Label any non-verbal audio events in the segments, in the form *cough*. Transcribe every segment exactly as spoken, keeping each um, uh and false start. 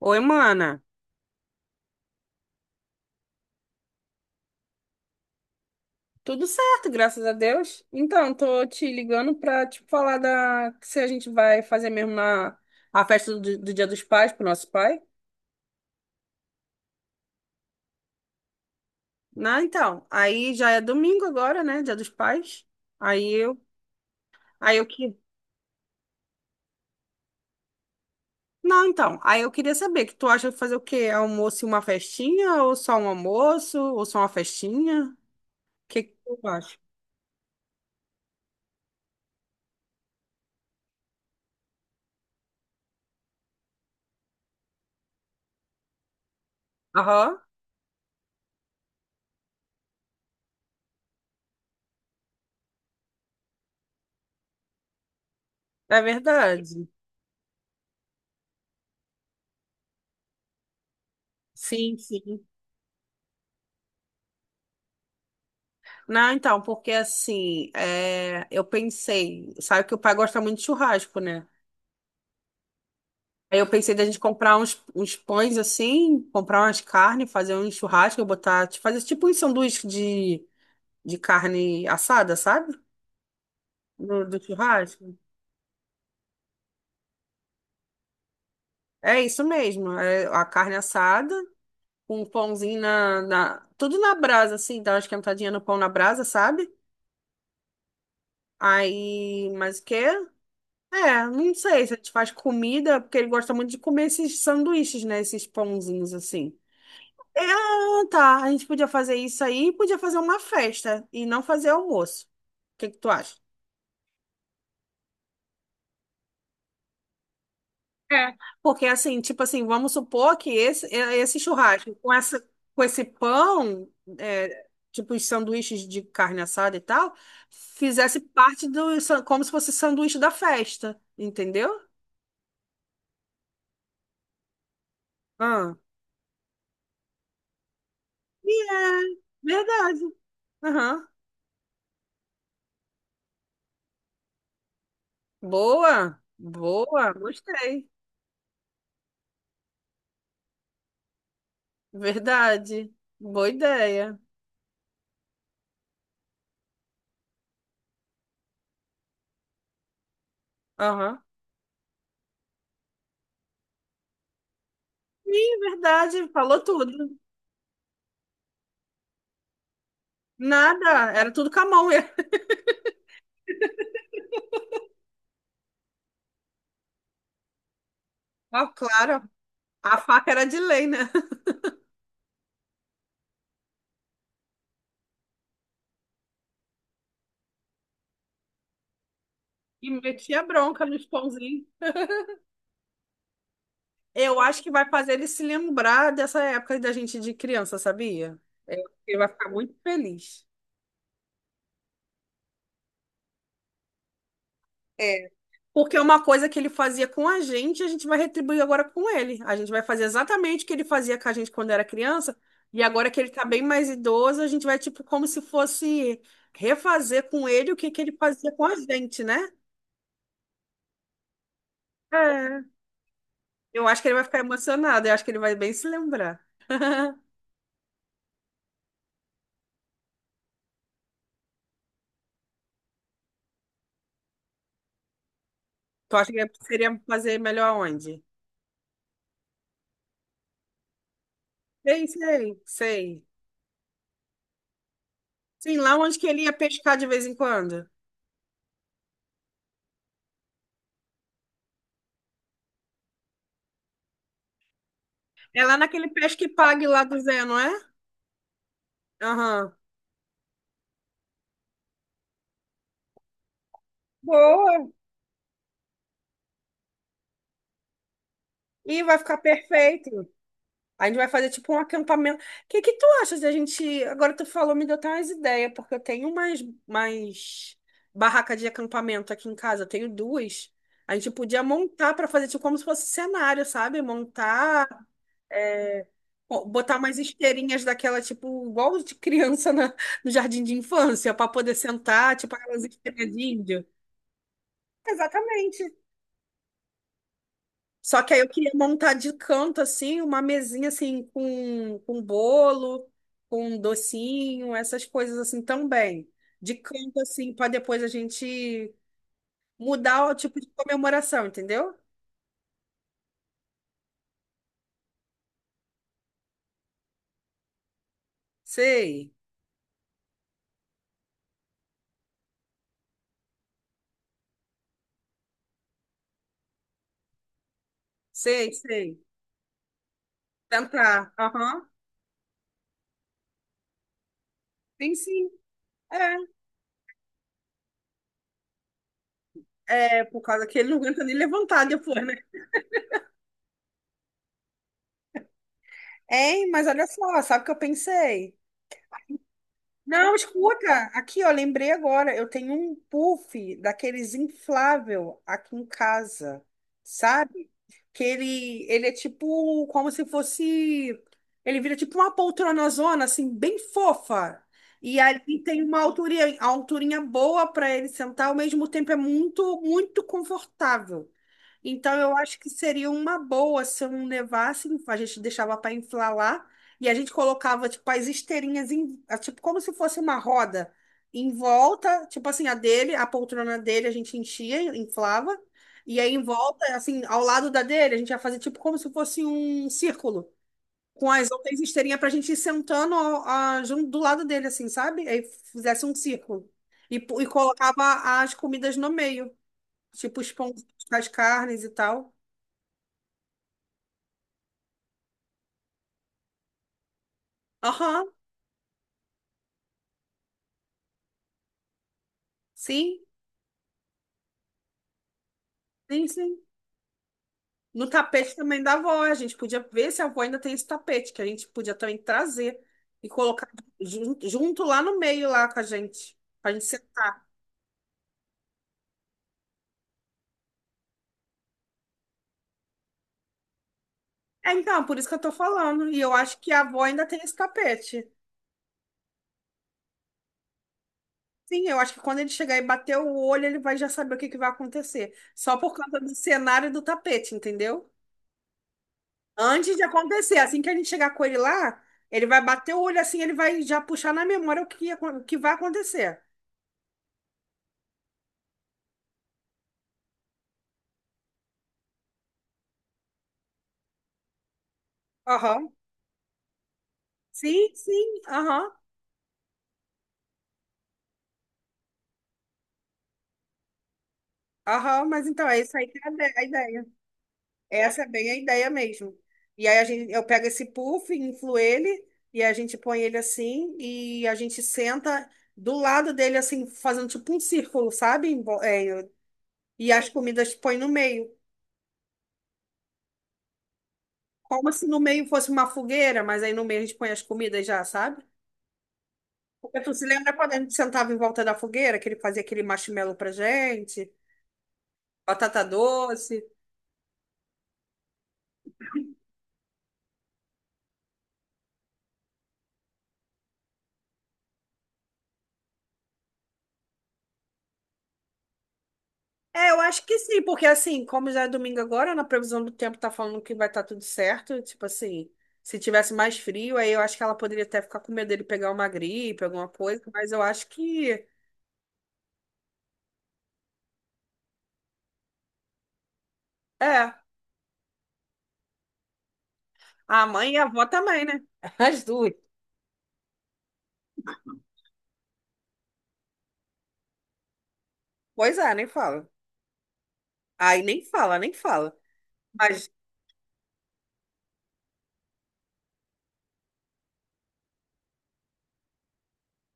Oi, mana. Tudo certo, graças a Deus. Então, tô te ligando pra tipo falar da se a gente vai fazer mesmo na a festa do, do Dia dos Pais pro nosso pai. Não, então, aí já é domingo agora, né? Dia dos Pais. Aí eu, aí eu que Não, então, aí eu queria saber que tu acha de fazer o quê? Almoço e uma festinha ou só um almoço ou só uma festinha? O que que tu acha? Aham, é verdade. Sim, sim. Não, então, porque assim, é, eu pensei, sabe que o pai gosta muito de churrasco, né? Aí eu pensei da gente comprar uns, uns pães assim, comprar umas carnes, fazer um churrasco, eu botar, tipo, fazer tipo um sanduíche de, de carne assada, sabe? Do, do churrasco. É isso mesmo, é a carne assada, com um pãozinho na, na- tudo na brasa, assim, dar uma esquentadinha no pão na brasa, sabe? Aí, mais o quê? É, não sei se a gente faz comida, porque ele gosta muito de comer esses sanduíches, né? Esses pãozinhos assim. É, ah, tá. A gente podia fazer isso aí e podia fazer uma festa e não fazer almoço. O que que tu acha? É. Porque assim, tipo assim, vamos supor que esse, é- esse churrasco com essa, com esse pão, é, tipo os sanduíches de carne assada e tal, fizesse parte do, san- como se fosse sanduíche da festa, entendeu? Ah. E é verdade. Aham. Boa, boa, gostei. Verdade. Boa ideia. Aham. Sim, verdade, falou tudo. Nada, era tudo com a mão *laughs* mesmo. Ó, claro, a faca era de lei, né? E metia bronca nos pãozinhos. Eu acho que vai fazer ele se lembrar dessa época da gente de criança, sabia? Ele vai ficar muito feliz. É. Porque é uma coisa que ele fazia com a gente, a gente vai retribuir agora com ele. A gente vai fazer exatamente o que ele fazia com a gente quando era criança. E agora que ele tá bem mais idoso, a gente vai, tipo, como se fosse refazer com ele o que que ele fazia com a gente, né? É. Eu acho que ele vai ficar emocionado. Eu acho que ele vai bem se lembrar. *laughs* Tu acha que seria fazer melhor onde? Sei, sei, sei. Sim, lá onde que ele ia pescar de vez em quando. É lá naquele pesque-pague lá do Zé, não é? Aham. Boa. E vai ficar perfeito. A gente vai fazer tipo um acampamento. O que que tu achas de a gente. Agora tu falou, me deu até umas ideias, porque eu tenho umas, umas barracas de acampamento aqui em casa, eu tenho duas. A gente podia montar para fazer tipo como se fosse cenário, sabe? Montar, é, bo- botar umas esteirinhas daquela, tipo, igual de criança na- no jardim de infância, para poder sentar, tipo aquelas esteiras de índio. Exatamente. Só que aí eu queria montar de canto, assim, uma mesinha, assim, com, com bolo, com docinho, essas coisas, assim, também. De canto, assim, para depois a gente mudar o tipo de comemoração, entendeu? Sei, sei, sei. Tentar. Aham. Sim, sim. É. É, por causa que ele não aguenta nem levantar depois, né? Hein, mas olha só, sabe o que eu pensei? Não, escuta, aqui, ó, lembrei agora, eu tenho um puff daqueles inflável aqui em casa, sabe? Que ele, ele é tipo, como se fosse, ele vira tipo uma poltronazona, assim, bem fofa. E ali tem uma alturinha, a alturinha boa para ele sentar, ao mesmo tempo é muito, muito confortável. Então, eu acho que seria uma boa se eu não levasse, a gente deixava para inflar lá e a gente colocava, tipo, as esteirinhas, em, ah, tipo, como se fosse uma roda em volta, tipo assim, a dele, a poltrona dele a gente enchia, inflava, e aí em volta, assim, ao lado da dele, a gente ia fazer, tipo, como se fosse um círculo, com as outras esteirinhas para a gente ir sentando ah, junto do lado dele, assim, sabe? Aí fizesse um círculo e, pu- e colocava as comidas no meio, tipo, os pães, as carnes e tal. Aham, sim, sim, sim. No tapete também da avó, a gente podia ver se a avó ainda tem esse tapete, que a gente podia também trazer e colocar jun- junto, lá no meio, lá com a gente, pra gente sentar. É, então, por isso que eu tô falando. E eu acho que a avó ainda tem esse tapete. Sim, eu acho que quando ele chegar e bater o olho, ele vai já saber o que que vai acontecer. Só por causa do cenário do tapete, entendeu? Antes de acontecer, assim que a gente chegar com ele lá, ele vai bater o olho assim, ele vai já puxar na memória o que, ia o que vai acontecer. Aham. Sim, sim, aham, aham, mas então é isso aí que é a ide- a ideia. Essa é bem a ideia mesmo. E aí a gente, eu pego esse puff, inflo ele, e a gente põe ele assim, e a gente senta do lado dele, assim, fazendo tipo um círculo, sabe? Em vo- é, e as comidas põe no meio. Como se no meio fosse uma fogueira, mas aí no meio a gente põe as comidas já, sabe? Porque tu se lembra quando a gente sentava em volta da fogueira, que ele fazia aquele marshmallow pra gente, batata doce. É, eu acho que sim, porque assim, como já é domingo agora, na previsão do tempo tá falando que vai estar tudo certo, tipo assim, se tivesse mais frio, aí eu acho que ela poderia até ficar com medo dele pegar uma gripe, alguma coisa, mas eu acho que é, a mãe e a avó também, né? *laughs* As duas. Pois é, nem fala. Aí nem fala, nem fala. Mas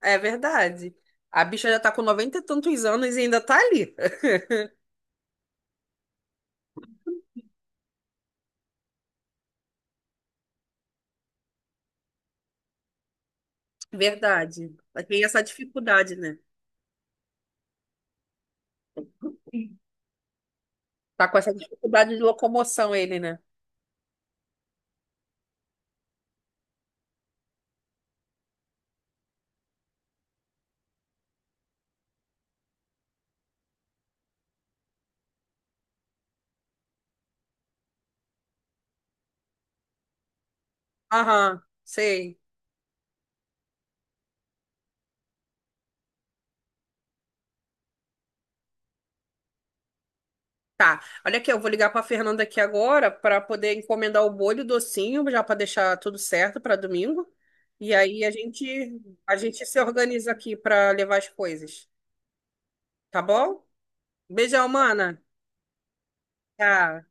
é verdade. A bicha já tá com noventa e tantos anos e ainda tá ali. *laughs* Verdade. Mas tem essa dificuldade, né? Sim. Tá com essa dificuldade de locomoção ele, né? Aham, sei. Tá. Olha aqui, eu vou ligar para Fernanda aqui agora para poder encomendar o bolho e o docinho, já para deixar tudo certo para domingo. E aí a gente a gente se organiza aqui para levar as coisas, tá bom? Beijão, mana. Tchau.